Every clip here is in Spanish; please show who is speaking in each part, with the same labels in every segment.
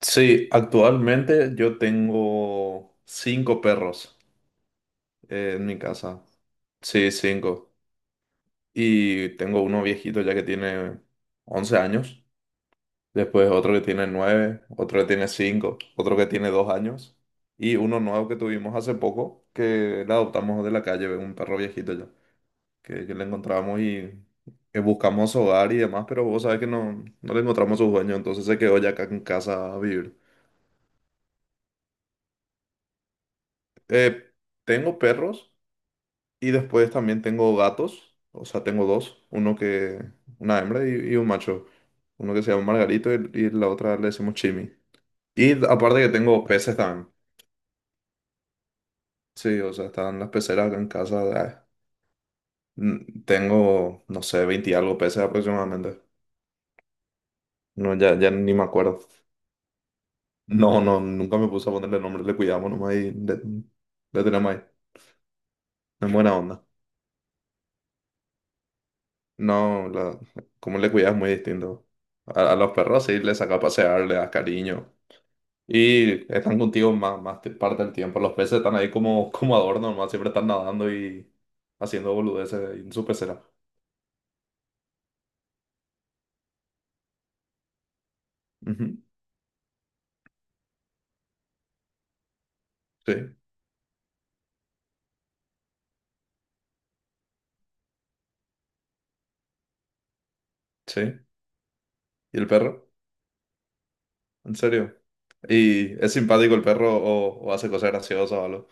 Speaker 1: Sí, actualmente yo tengo cinco perros en mi casa. Sí, cinco. Y tengo uno viejito ya que tiene 11 años. Después otro que tiene 9, otro que tiene 5, otro que tiene 2 años. Y uno nuevo que tuvimos hace poco, que le adoptamos de la calle, un perro viejito ya, que le encontramos y buscamos hogar y demás, pero vos sabés que no le encontramos su dueño, entonces se quedó ya acá en casa a vivir. Eh, Tengo perros. Y después también tengo gatos, o sea, tengo dos, una hembra y un macho, uno que se llama Margarito y la otra le decimos Chimi. Y aparte que tengo peces también, sí, o sea, están las peceras acá en casa, ah, tengo, no sé, 20 y algo peces aproximadamente, no, ya ni me acuerdo. No, no, nunca me puse a ponerle nombre, le cuidamos nomás y le tenemos ahí, es buena onda. No, como le cuidas es muy distinto. A los perros sí les saca a pasear, le das cariño. Y están contigo más parte del tiempo. Los peces están ahí como adorno, nomás siempre están nadando y haciendo boludeces ahí en su pecera. Ujú. Sí, sí. ¿Y el perro? ¿En serio? ¿Y es simpático el perro o hace cosas graciosas o algo?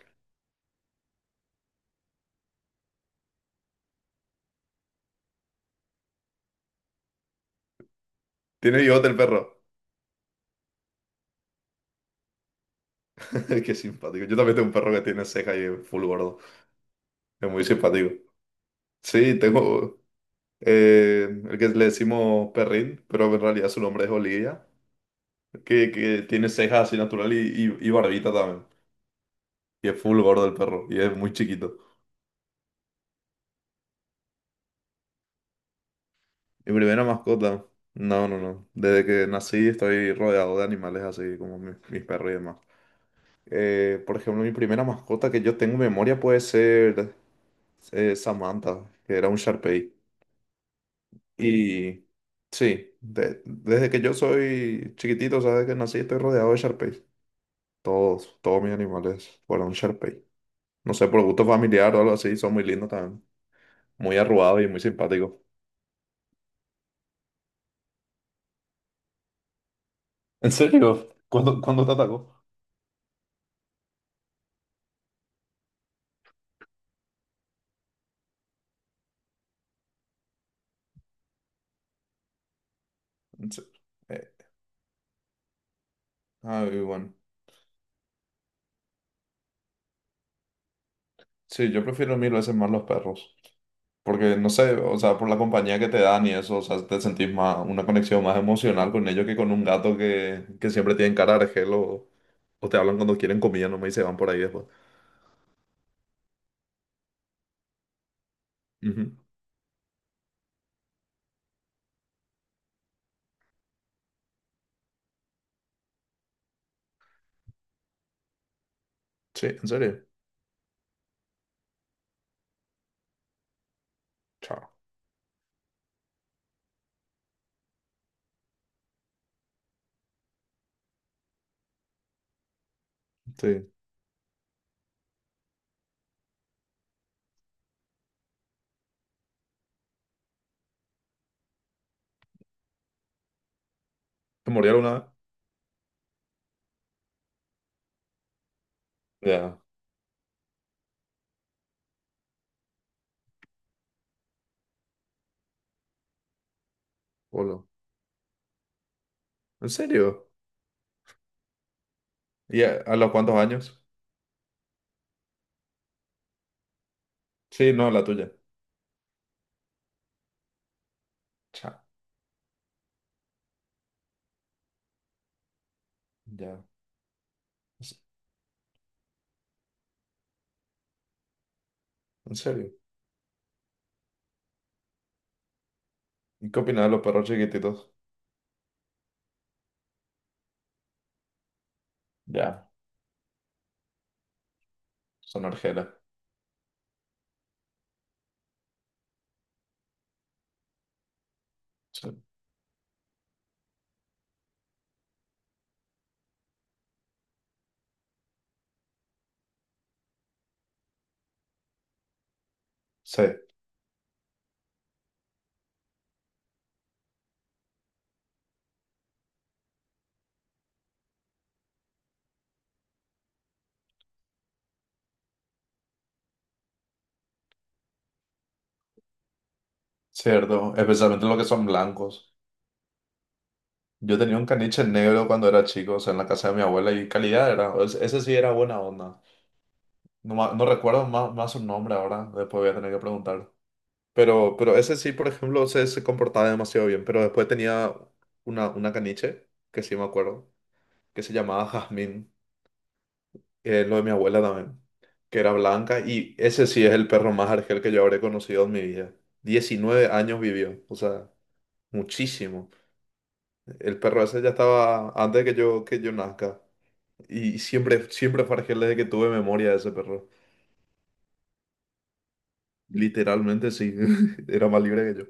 Speaker 1: Tiene bigote el perro. Qué simpático. Yo también tengo un perro que tiene ceja y es full gordo. Es muy simpático. Sí, tengo el que le decimos perrín, pero en realidad su nombre es Olivia, que tiene cejas así natural y barbita también. Y es full gordo el perro. Y es muy chiquito. Mi primera mascota. No, no, no. Desde que nací estoy rodeado de animales así como mis perros y demás. Por ejemplo, mi primera mascota que yo tengo en memoria puede ser Samantha, que era un Sharpei. Y sí, desde que yo soy chiquitito, sabes que nací, estoy rodeado de Sharpeis. Todos mis animales fueron Sharpei. No sé, por gusto familiar o algo así, son muy lindos también. Muy arrugados y muy simpáticos. ¿En serio? ¿Cuándo te atacó? Sí. Eh, Ay, bueno. Sí, yo prefiero mil veces más los perros. Porque, no sé, o sea, por la compañía que te dan y eso, o sea, te sentís más, una conexión más emocional con ellos que con un gato que siempre tienen cara de argel o te hablan cuando quieren comida nomás y se van por ahí después. Ujú. Sí, en serio. Chao. Sí. ¿Te morí alguna vez? Ya. Hola. ¿En serio? ¿Y a los cuántos años? Sí, no, la tuya. Chao. Ya. ¿En serio? ¿Y qué opinas de los perros chiquititos? Ya. Son argelas. Sí, cierto, especialmente los que son blancos. Yo tenía un caniche negro cuando era chico, o sea, en la casa de mi abuela y calidad era, ese sí era buena onda. No, no recuerdo más su nombre ahora, después voy a tener que preguntar. Pero ese sí, por ejemplo, se comportaba demasiado bien, pero después tenía una caniche, que sí me acuerdo, que, se llamaba Jazmín, lo de mi abuela también, que era blanca y ese sí es el perro más argel que yo habré conocido en mi vida. 19 años vivió, o sea, muchísimo. El perro ese ya estaba antes de que yo nazca. Y siempre, siempre fue desde que tuve memoria de ese perro. Literalmente sí, era más libre que yo.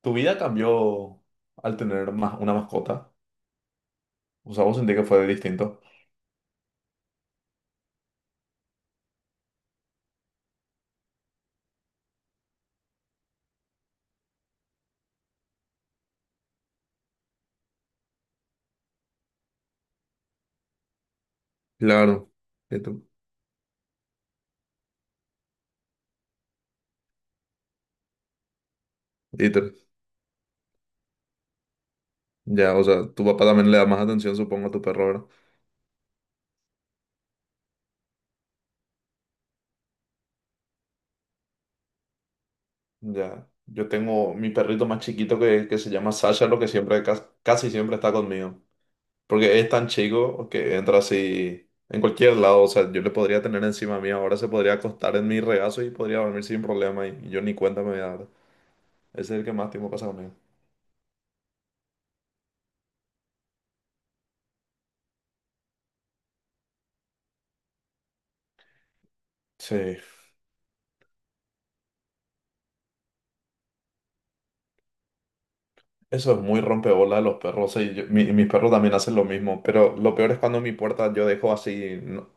Speaker 1: ¿Tu vida cambió al tener más una mascota? O sea, vos sentís que fue distinto. Claro. Y tú, y tú- Ya, o sea, tu papá también le da más atención, supongo, a tu perro, ¿verdad? Ya. Yo tengo mi perrito más chiquito que se llama Sasha, lo que siempre, casi siempre está conmigo. Porque es tan chico que entra así en cualquier lado. O sea, yo le podría tener encima mía. Ahora se podría acostar en mi regazo y podría dormir sin problema. Y yo ni cuenta me voy a dar. Ese es el que más tiempo pasa conmigo. Sí. Eso es muy rompebolas de los perros. Sí, mis perros también hacen lo mismo. Pero lo peor es cuando mi puerta yo dejo así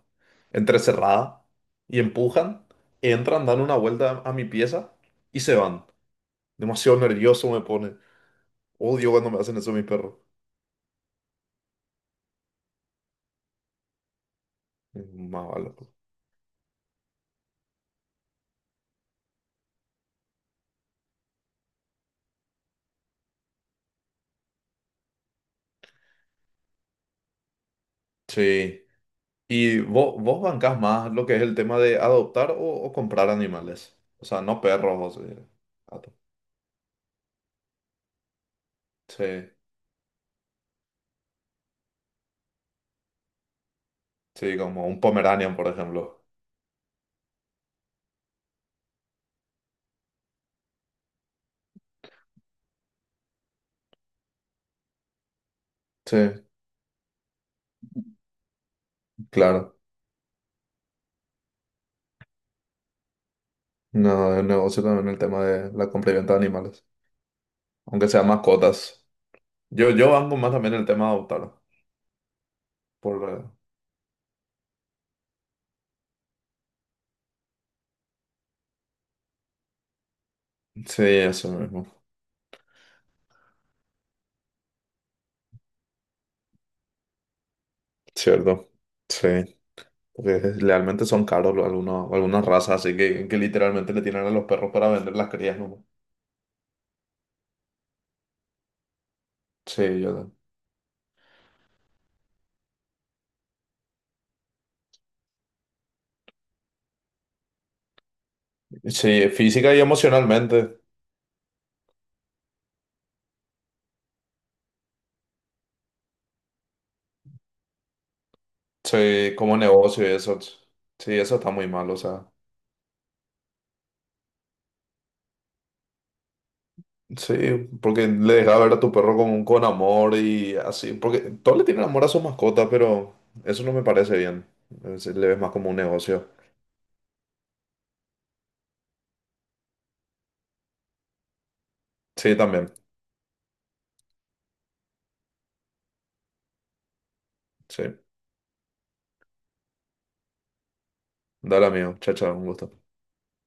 Speaker 1: entrecerrada y empujan, entran, dan una vuelta a mi pieza y se van. Demasiado nervioso me pone. Odio cuando me hacen eso mis perros. Más vale. Sí. ¿Y vos bancás más lo que es el tema de adoptar o comprar animales? O sea, no perros, o sea, gatos. Sí, sí, como un Pomeranian, por ejemplo. Sí, claro. No, es negocio también el tema de la compra y venta de animales, aunque sean mascotas. Yo banco más también el tema de adoptar. Por, sí, eso mismo. Cierto. Sí, porque realmente son caros algunas razas, así que literalmente le tienen a los perros para vender las crías, ¿no? Sí, yo sí, física y emocionalmente. Sí, como negocio y eso. Sí, eso está muy mal, o sea. Sí, porque le dejas ver a tu perro con amor y así. Porque todos le tienen amor a su mascota, pero eso no me parece bien. Le ves más como un negocio. Sí, también. Sí. Dale, amigo. Chao, chao. Un gusto.